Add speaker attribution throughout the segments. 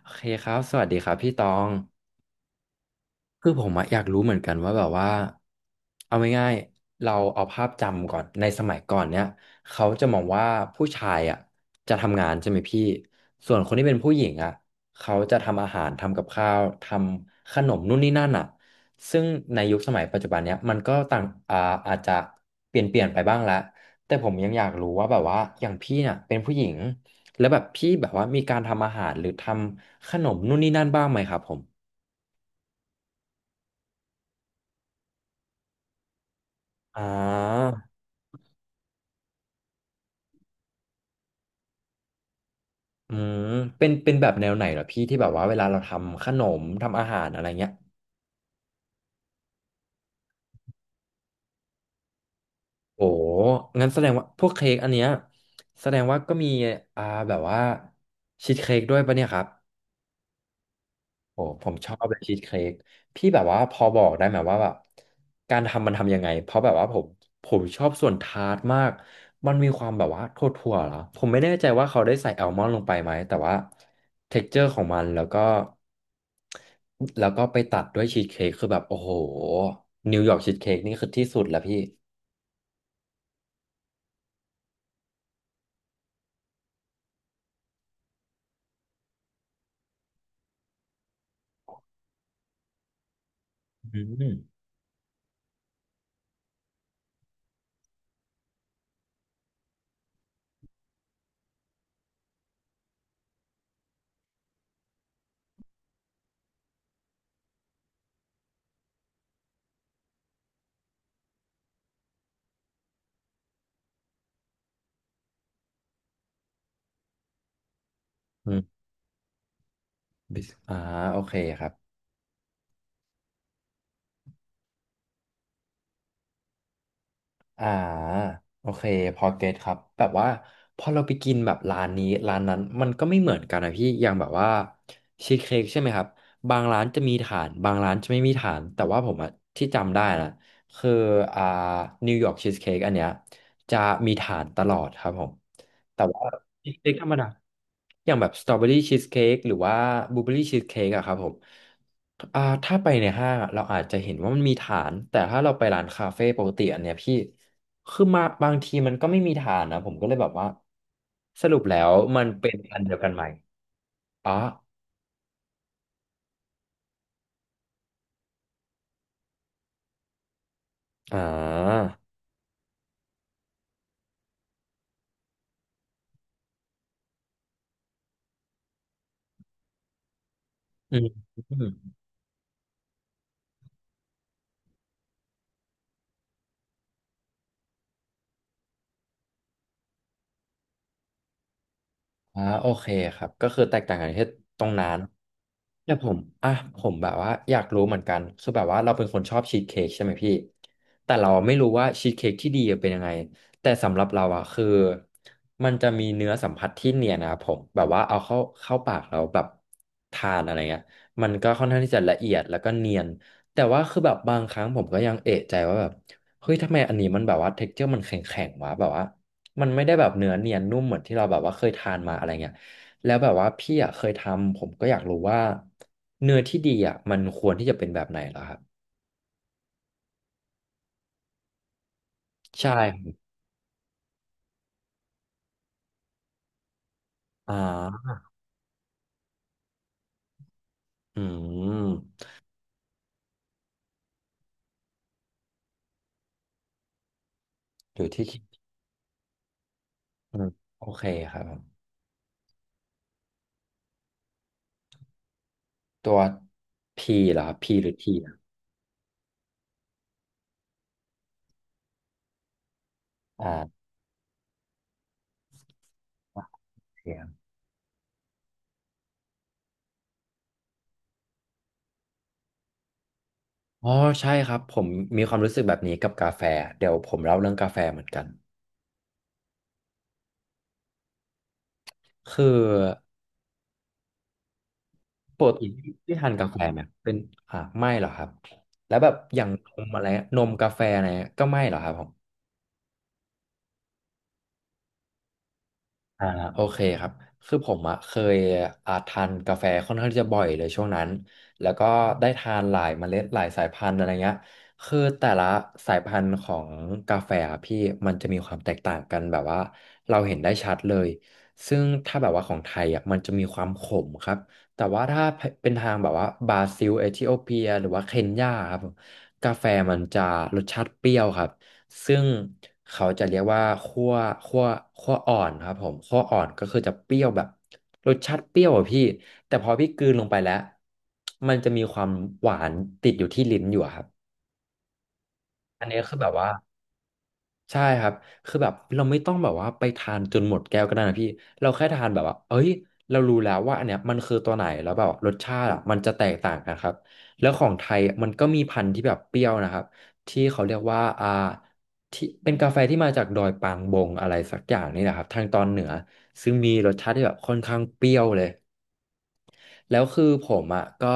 Speaker 1: โอเคครับ สวัสดีครับพี่ตอง คือผมอะอยากรู้เหมือนกันว่าแบบว่าเอาง่ายๆเราเอาภาพจำก่อนในสมัยก่อนเนี่ยเขาจะมองว่าผู้ชายอ่ะจะทำงานใช่ไหมพี่ส่วนคนที่เป็นผู้หญิงอ่ะเขาจะทำอาหารทำกับข้าวทำขนมนู่นนี่นั่นอ่ะซึ่งในยุคสมัยปัจจุบันเนี้ยมันก็ต่างอ่าอาจจะเปลี่ยนไปบ้างแล้วแต่ผมยังอยากรู้ว่าแบบว่าอย่างพี่เนี่ยเป็นผู้หญิงแล้วแบบพี่แบบว่ามีการทำอาหารหรือทำขนมนู่นนี่นั่นบ้างไหมครับผมอ่า อืมเป็นแบบแนวไหนเหรอพี่ที่แบบว่าเวลาเราทำขนมทำอาหารอะไรเงี้ยโอ้งั้นแสดงว่าพวกเค้กอันเนี้ยแสดงว่าก็มีอ่าแบบว่าชีสเค้กด้วยปะเนี่ยครับ โอ้ผมชอบเลยชีสเค้กพี่แบบว่าพอบอกได้ไหมว่าแบบการทำมันทำยังไงเพราะแบบว่าผมชอบส่วนทาร์ตมากมันมีความแบบว่าทั่วๆเหรอผมไม่แน่ใจว่าเขาได้ใส่แอลมอนด์ลงไปไหมแต่ว่าเท็กเจอร์ของมันแล้วก็ไปตัดด้วยชีสเค้กคือแบบโอ้โหนิวยอร์กชีสเค้กนี่คือที่สุดแล้วพี่อืมอืมบิสอ่าโอเคครับ อ่าโอเคพอเก็ตครับแบบว่าพอเราไปกินแบบร้านนี้ร้านนั้นมันก็ไม่เหมือนกันนะพี่อย่างแบบว่าชีสเค้กใช่ไหมครับบางร้านจะมีฐานบางร้านจะไม่มีฐานแต่ว่าผมอะที่จำได้นะคืออ่านิวยอร์กชีสเค้กอันเนี้ยจะมีฐานตลอดครับผมแต่ว่าชีสเค้กธรรมดาอย่างแบบสตรอเบอรี่ชีสเค้กหรือว่าบลูเบอรี่ชีสเค้กอะครับผมอ่าถ้าไปในห้างอะเราอาจจะเห็นว่ามันมีฐานแต่ถ้าเราไปร้านคาเฟ่ปกติอันเนี้ยพี่ คือมาบางทีมันก็ไม่มีฐานนะผมก็เลยแบบว่าสรุปแล้วมันเป็นอันเดียวกันไหมอ๋ออ่าอืม อ่าโอเคครับก็คือแตกต่างกันที่ตรงนั้นแต่ผมอ่ะผมแบบว่าอยากรู้เหมือนกันคือแบบว่าเราเป็นคนชอบชีสเค้กใช่ไหมพี่แต่เราไม่รู้ว่าชีสเค้กที่ดีเป็นยังไงแต่สำหรับเราอ่ะคือมันจะมีเนื้อสัมผัสที่เนียนนะครับผมแบบว่าเอาเข้าปากเราแบบทานอะไรเงี้ยมันก็ค่อนข้างที่จะละเอียดแล้วก็เนียนแต่ว่าคือแบบบางครั้งผมก็ยังเอะใจว่าแบบเฮ้ยทำไมอันนี้มันแบบว่าเท็กเจอร์มันแข็งๆวะแบบว่า มันไม่ได้แบบเนื้อเนียนนุ่มเหมือนที่เราแบบว่าเคยทานมาอะไรเงี้ยแล้วแบบว่าพี่อ่ะเคยทำผมก็อยากรู้ว่าเนื้อที่ดีอ่ะมันควรที่จะเป็นแบบไหนเหรอครับใช่ครับอ่าอืมอยู่ที่คิดอืมโอเคครับผมตัวพีเหรอครับพีหรือทีอะอ่าโอเคครับอ๋อใช่ครับผมมีความรู้สึกแบบนี้กับกาแฟเดี๋ยวผมเล่าเรื่องกาแฟเหมือนกันคือ ปกติที่ทานกาแฟไหมเป็นอ่าไม่เหรอครับแล้วแบบอย่างนมอะไรนมกาแฟอะไรก็ไม่เหรอครับผม อ่าโอเคครับคือผมอะเคยอ่าทานกาแฟค่อนข้างที่จะบ่อยเลยช่วงนั้นแล้วก็ได้ทานหลายเมล็ดหลายสายพันธุ์อะไรเงี้ยคือแต่ละสายพันธุ์ของกาแฟอะพี่มันจะมีความแตกต่างกันแบบว่าเราเห็นได้ชัดเลยซึ่งถ้าแบบว่าของไทยอ่ะมันจะมีความขมครับแต่ว่าถ้าเป็นทางแบบว่าบราซิลเอธิโอเปียหรือว่าเคนยาครับกาแฟมันจะรสชาติเปรี้ยวครับ ซึ่งเขาจะเรียกว่าคั่วคั่วอ่อนครับผมคั่วอ่อนก็คือจะเปรี้ยวแบบรสชาติเปรี้ยวอะพี่แต่พอพี่กลืนลงไปแล้วมันจะมีความหวานติดอยู่ที่ลิ้นอยู่อะครับอันนี้คือแบบว่า ใช่ครับคือแบบเราไม่ต้องแบบว่าไปทานจนหมดแก้วก็ได้นะพี่เราแค่ทานแบบว่าเอ้ยเรารู้แล้วว่าอันเนี้ยมันคือตัวไหนแล้วแบบรสชาติอะมันจะแตกต่างกันครับ แล้วของไทยมันก็มีพันธุ์ที่แบบเปรี้ยวนะครับที่เขาเรียกว่าอ่าที่เป็นกาแฟที่มาจากดอยปางบงอะไรสักอย่างนี่แหละครับทางตอนเหนือซึ่งมีรสชาติที่แบบค่อนข้างเปรี้ยวเลย แล้วคือผมอ่ะก็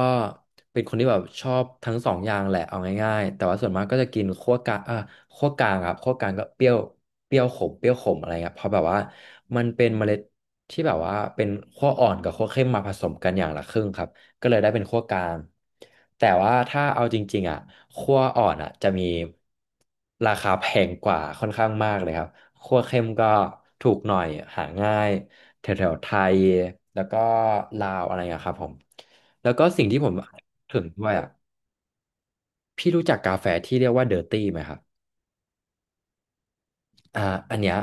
Speaker 1: เป็นคนที่แบบชอบทั้งสองอย่างแหละเอาง่ายๆแต่ว่าส่วนมากก็จะกินคั่วกลางอ่ะคั่วกลางครับคั่วกลางก็เปรี้ยวเปรี้ยวขมเปรี้ยวขมอะไรเงี้ยเพราะแบบว่ามันเป็นเมล็ดที่แบบว่าเป็นคั่วอ่อนกับคั่วเข้มมาผสมกันอย่างละครึ่งครับก็เลยได้เป็นคั่วกลางแต่ว่าถ้าเอาจริงๆอ่ะคั่วอ่อนอ่ะจะมีราคาแพงกว่าค่อนข้างมากเลยครับ ครัวเค็มก็ถูกหน่อยหาง่ายแถวๆไทยแล้วก็ลาวอะไรอย่างเงี้ยครับผมแล้วก็สิ่งที่ผมถึงด้วยอ่ะพี่รู้จักกาแฟที่เรียกว่าเดอร์ตี้ไหมครับอ่าอันเนี้ย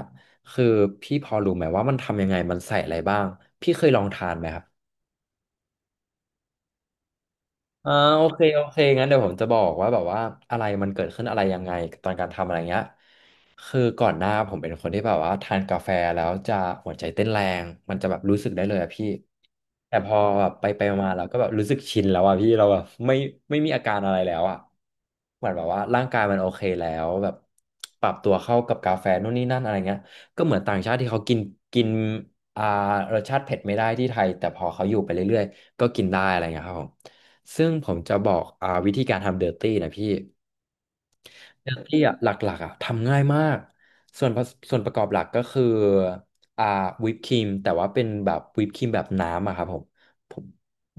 Speaker 1: คือพี่พอรู้ไหมว่ามันทำยังไงมันใส่อะไรบ้างพี่เคยลองทานไหมครับ อ่าโอเคโอเคงั้นเดี๋ยวผมจะบอกว่าแบบว่าอะไรมันเกิดขึ้นอะไรยังไงตอนการทำอะไรเงี้ยคือก่อนหน้าผมเป็นคนที่แบบว่าทานกาแฟแล้วจะหัวใจเต้นแรงมันจะแบบรู้สึกได้เลยอะพี่แต่พอแบบไปมาเราก็แบบรู้สึกชินแล้วอะพี่เราแบบไม่มีอาการอะไรแล้วอะเหมือนแบบว่าร่างกายมันโอเคแล้วแบบปรับตัวเข้ากับกาแฟนู่นนี่นั่นอะไรเงี้ยก็เหมือนต่างชาติที่เขากินกินอ่ารสชาติเผ็ดไม่ได้ที่ไทยแต่พอเขาอยู่ไปเรื่อยๆก็กินได้อะไรเงี้ยครับผม ซึ่งผมจะบอกวิธีการทำเดอร์ตี้นะพี่เดอร์ตี้อ่ะหลักๆอ่ะทำง่ายมากส่วนประกอบหลักก็คืออ่าวิปครีมแต่ว่าเป็นแบบวิปครีมแบบน้ำอะครับผมผม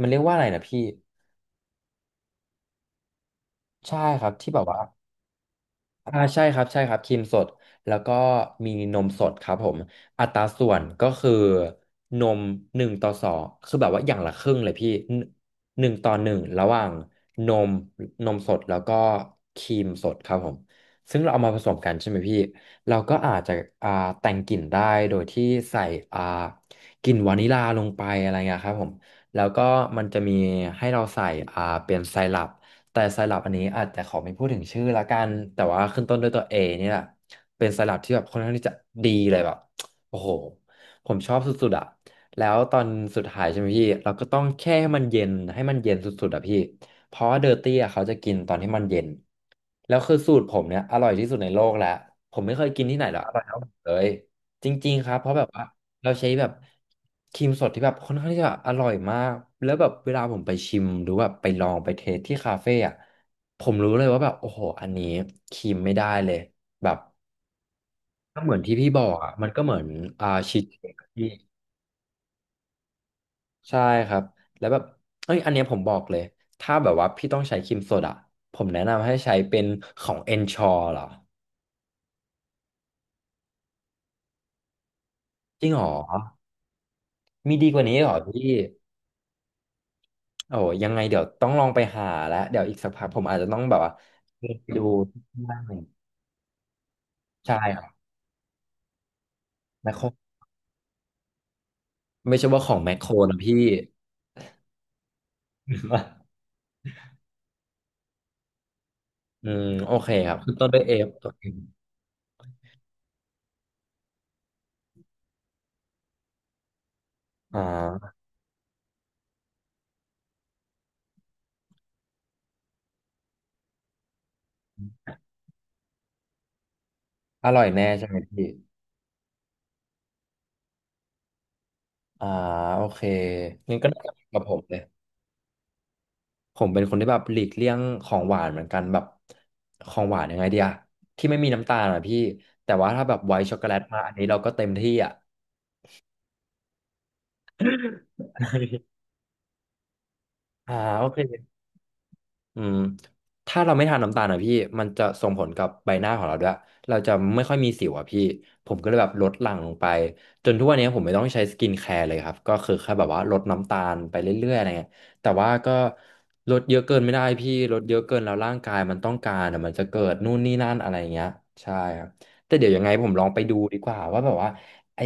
Speaker 1: มันเรียกว่าอะไรนะพี่ใช่ครับที่แบบว่า อ่าใช่ครับใช่ครับครีมสดแล้วก็มีนมสดครับผมอัตราส่วนก็คือนม1:2คือแบบว่าอย่างละครึ่งเลยพี่หนึ่ง1:1ระหว่างนมนมสดแล้วก็ครีมสดครับผมซึ่งเราเอามาผสมกันใช่ไหมพี่เราก็อาจจะอ่าแต่งกลิ่นได้โดยที่ใส่อ่ากลิ่นวานิลลาลงไปอะไรเงี้ยครับผมแล้วก็มันจะมีให้เราใส่เป็นไซรัป แต่ไซรัปอันนี้อาจจะขอไม่พูดถึงชื่อละกันแต่ว่าขึ้นต้นด้วยตัว A นี่แหละเป็นไซรัปที่แบบค่อนข้างที่จะดีเลยแบบโอ้โหผมชอบสุดๆอะแล้วตอนสุดท้ายใช่ไหมพี่เราก็ต้องแค่ให้มันเย็นให้มันเย็นสุดๆอะพี่เพราะว่าเดอร์ตี้อะเขาจะกินตอนที่มันเย็นแล้วคือสูตรผมเนี่ยอร่อยที่สุดในโลกแล้วผมไม่เคยกินที่ไหนแล้วอร่อยเท่าผมเลยจริงๆครับเพราะแบบว่า เราใช้แบบครีมสดที่แบบค่อนข้างที่จะอร่อยมากแล้วแบบเวลาผมไปชิมหรือแบบไปลองไปเทสที่คาเฟ่อะผมรู้เลยว่าแบบโอ้โหอันนี้ครีมไม่ได้เลยแบบก็เหมือนที่พี่บอกอะมันก็เหมือนชีสเค้กอะพี่ใช่ครับแล้วแบบเอ้ยอันเนี้ยผมบอกเลยถ้าแบบว่าพี่ต้องใช้ครีมสดอะผมแนะนำให้ใช้เป็นของ Ensure เหรอจริงเหรอมีดีกว่านี้เหรอพี่ โอ้ยังไงเดี๋ยวต้องลองไปหาแล้วเดี๋ยวอีกสักพักผมอาจจะต้องแบบว่าไปดูบ้างใช่ครับแมคโครไม่ใช่ว่าของแมคโครนะพี่ อืมโอเคครับขึ้นต้นด้วยเอฟตัวเองอ่าอร่อยแน่ใช่ไหมพี่อ่าโอเคงั้นก็น่าจะเหมือนกับผมเลยผมเป็นคนที่แบบหลีกเลี่ยงของหวานเหมือนกันแบบของหวานยังไงเดียที่ไม่มีน้ำตาลอะพี่แต่ว่าถ้าแบบไวท์ช็อกโกแลตมาอันนี้เราก็เต็มที่อ่ะอ่าโอเค อืมถ้าเราไม่ทานน้ำตาลนะพี่มันจะส่งผลกับใบหน้าของเราด้วยเราจะไม่ค่อยมีสิวอ่ะพี่ผมก็เลยแบบลดหลั่งลงไปจนทุกวันนี้ผมไม่ต้องใช้สกินแคร์เลยครับก็คือแค่แบบว่าลดน้ำตาลไปเรื่อยๆอะไรเงี้ยแต่ว่าก็ลดเยอะเกินไม่ได้พี่ลดเยอะเกินแล้วร่างกายมันต้องการอ่ะมันจะเกิดนู่นนี่นั่นอะไรเงี้ยใช่ครับแต่เดี๋ยวยังไงผมลองไปดูดีกว่าว่าแบบว่าไอ้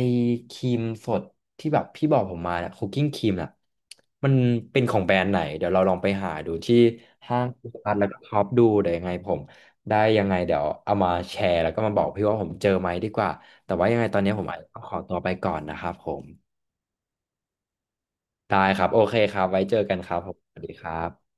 Speaker 1: ครีมสด ที่แบบพี่บอกผมมาเนี่ยคุกกิ้งครีมน่ะมันเป็นของแบรนด์ไหนเดี๋ยวเราลองไปหาดูที่ห้างสรรพสินค้าแล้วก็ช็อปดูเดี๋ยวยังไงผมได้ยังไงเดี๋ยวเอามาแชร์แล้วก็มาบอกพี่ว่าผมเจอไหมดีกว่าแต่ว่ายังไงตอนนี้ผมอาจจะต้องขอตัวไปก่อนนะครับผมได้ครับโอเคครับไว้เจอกันครับผมสวัสดีครับ